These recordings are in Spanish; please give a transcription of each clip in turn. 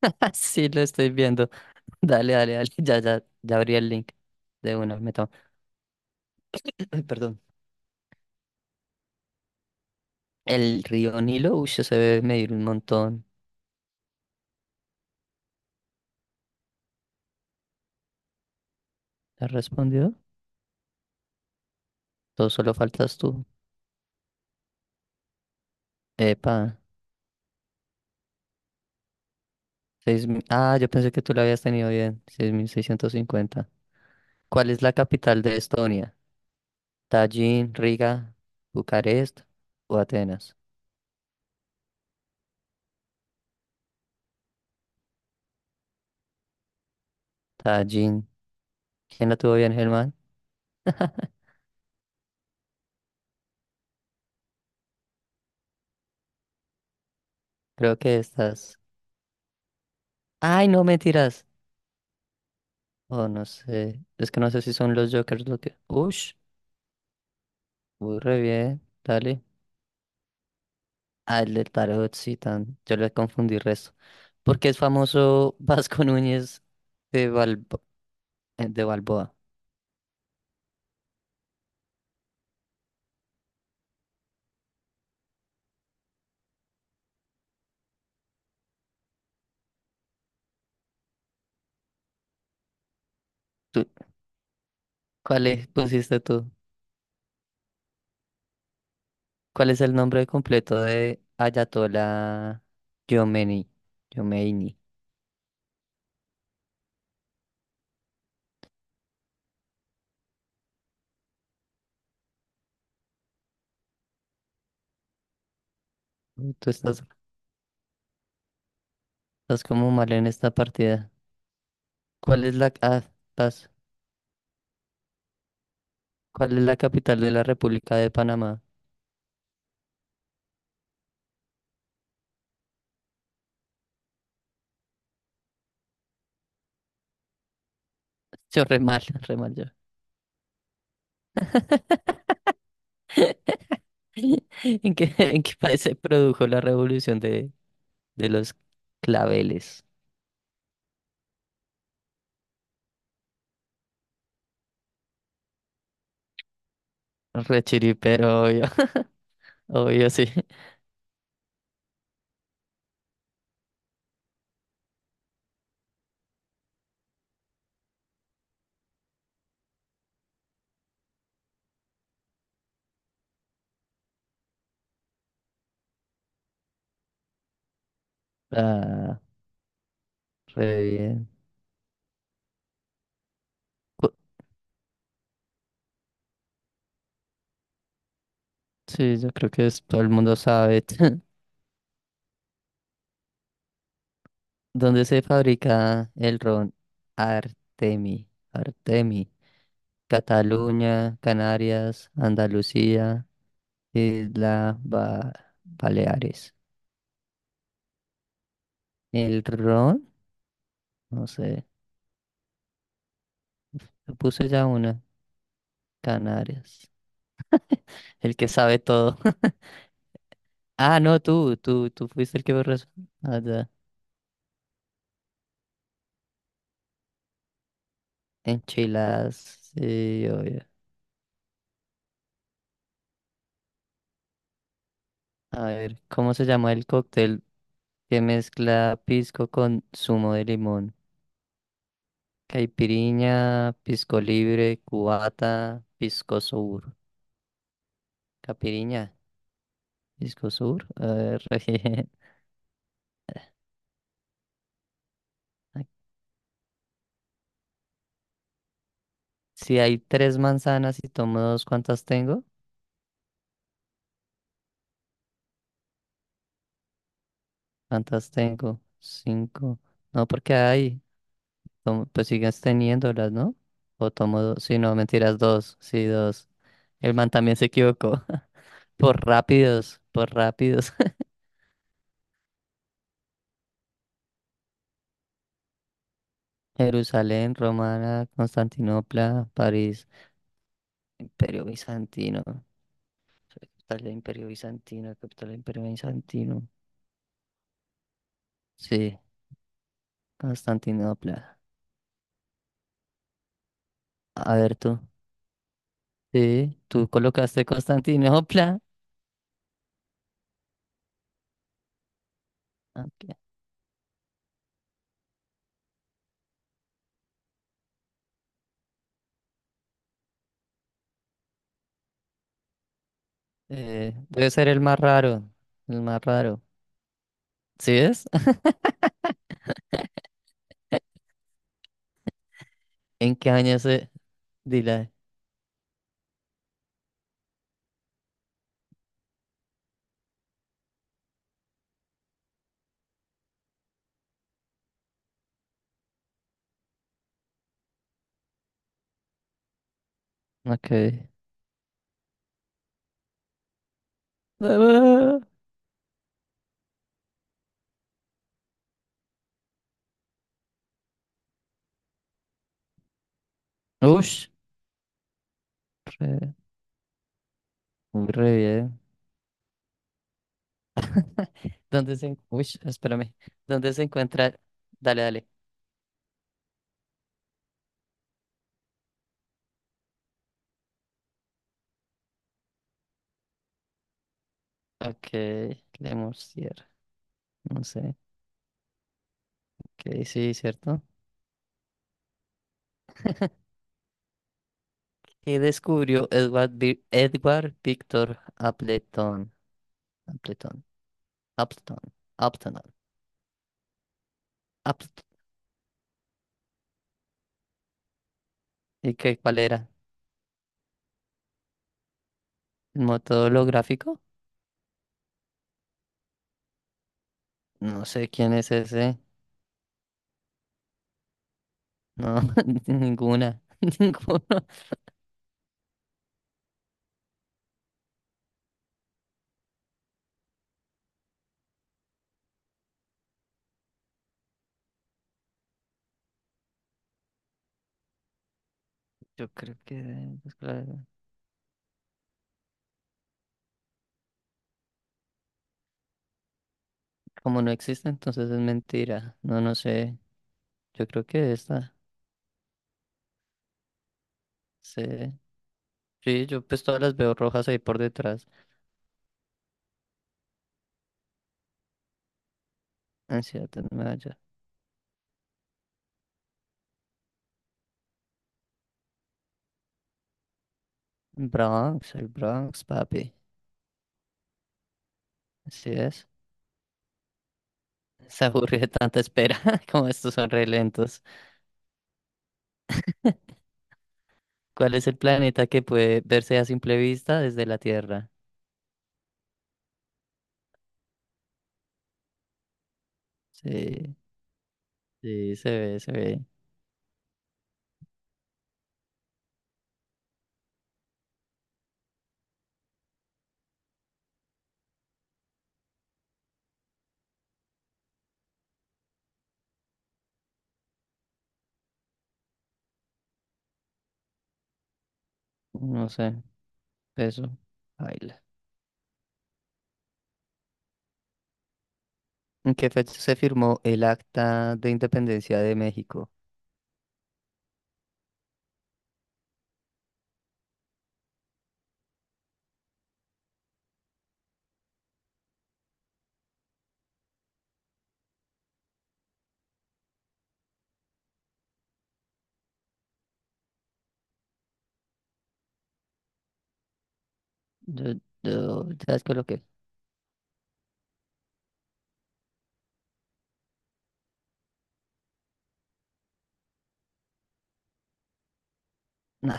Sí, lo estoy viendo. Dale, dale, dale. Ya, ya, ya abrí el link de una. Me tomo. Perdón. El río Nilo, uy, se debe medir un montón. ¿Has respondido? Todo solo faltas tú. Epa. 6000. Ah, yo pensé que tú lo habías tenido bien. 6650. ¿Cuál es la capital de Estonia? Tallin, Riga, Bucarest o Atenas. Tallin. ¿Quién la tuvo bien, Germán? Creo que estás. Ay, no, mentiras. Oh, no sé. Es que no sé si son los Jokers lo que. Ush, muy re bien. Dale. Ah, el del tarot, sí, tan. Yo le confundí el resto. Porque es famoso Vasco Núñez de Balbo- de Balboa. ¿Tú, cuál es, pusiste tú? ¿Cuál es el nombre completo de Ayatollah Khomeini? Khomeini. Uy, tú estás como mal en esta partida. ¿Cuál es la, estás- ¿cuál es la capital de la República de Panamá? Yo re mal, re mal yo. ¿En qué país se produjo la revolución de los claveles? Re chiripero, obvio. Obvio, sí. Ah, re bien. Cu- Sí, yo creo que todo el mundo sabe. ¿Dónde se fabrica el ron Artemi? Artemi. Cataluña, Canarias, Andalucía, Isla Ba- Baleares. ¿El ron? No sé. Yo puse ya una. Canarias. El que sabe todo. Ah, no, tú fuiste el que borró eso. Ah, ya. Enchiladas. Sí, obvio. A ver, ¿cómo se llama el cóctel que mezcla pisco con zumo de limón? Caipiriña, pisco libre, cubata, pisco sur. Capiriña, pisco sur. A ver, bien. Si hay tres manzanas y tomo dos, ¿cuántas tengo? ¿Cuántas tengo? Cinco. No, porque hay. Pues sigues teniéndolas, ¿no? O tomo dos. Sí, no, mentiras, dos. Sí, dos. El man también se equivocó. Por rápidos, por rápidos. Jerusalén, Romana, Constantinopla, París. Imperio Bizantino. Capital del Imperio Bizantino, capital del Imperio Bizantino. Sí, Constantinopla. A ver tú. Sí, tú colocaste Constantinopla. Ah, Ok. Debe ser el más raro. El más raro. ¿Sí es? ¿En qué año se...? Dila. Ok. Ah, ush, re, muy re bien. ¿Dónde espérame. ¿Dónde se encuentra? Dale, dale. Ok, Lemurcier. No sé. Ok, sí, cierto. ¿Qué descubrió Edward Victor Appleton? Appleton, Appleton, Appleton, Appleton. ¿Y cuál era? ¿El método holográfico? No sé quién es ese. No, ninguna, ninguno. Yo creo que... pues, claro. Como no existe, entonces es mentira. No, no sé. Yo creo que esta. Sí. Sí, yo pues todas las veo rojas ahí por detrás. Ansiedad en Maya. Bronx, el Bronx, papi. Así es. Se aburrió de tanta espera, como estos son re lentos. ¿Cuál es el planeta que puede verse a simple vista desde la Tierra? Sí, sí, se ve, se ve. No sé, eso. Baila. ¿En qué fecha se firmó el Acta de Independencia de México? Yo, yo ya descoloqué. Nah.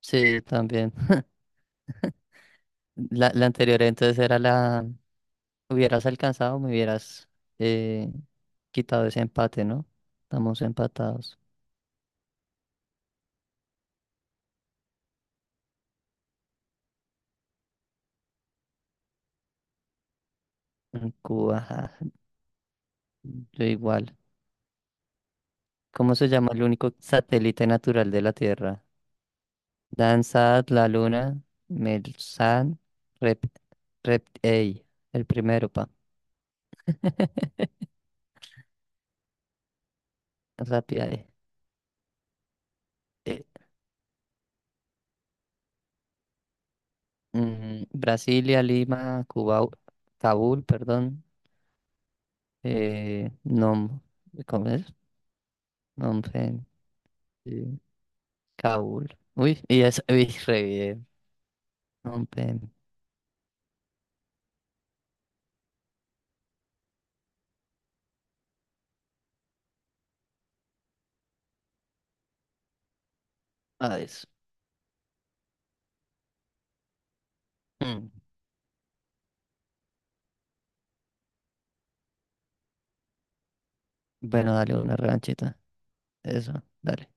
Sí, también. La anterior entonces era la... Hubieras alcanzado, me hubieras eh, quitado ese empate, ¿no? Estamos empatados en Cuba. ajá. Yo igual. ¿Cómo se llama el único satélite natural de la Tierra? Landsat, la Luna, Melsan, Rep, Rep, ey, el primero, pa. Rápida, eh. Eh, mm, Brasilia, Lima, Cuba, Kabul, perdón. Nom, ¿cómo es? Nom eh, Kabul. Uy, y es, uy, re bien. Nom Pen, Hades. Mm. Bueno, dale una revanchita. Eso, dale.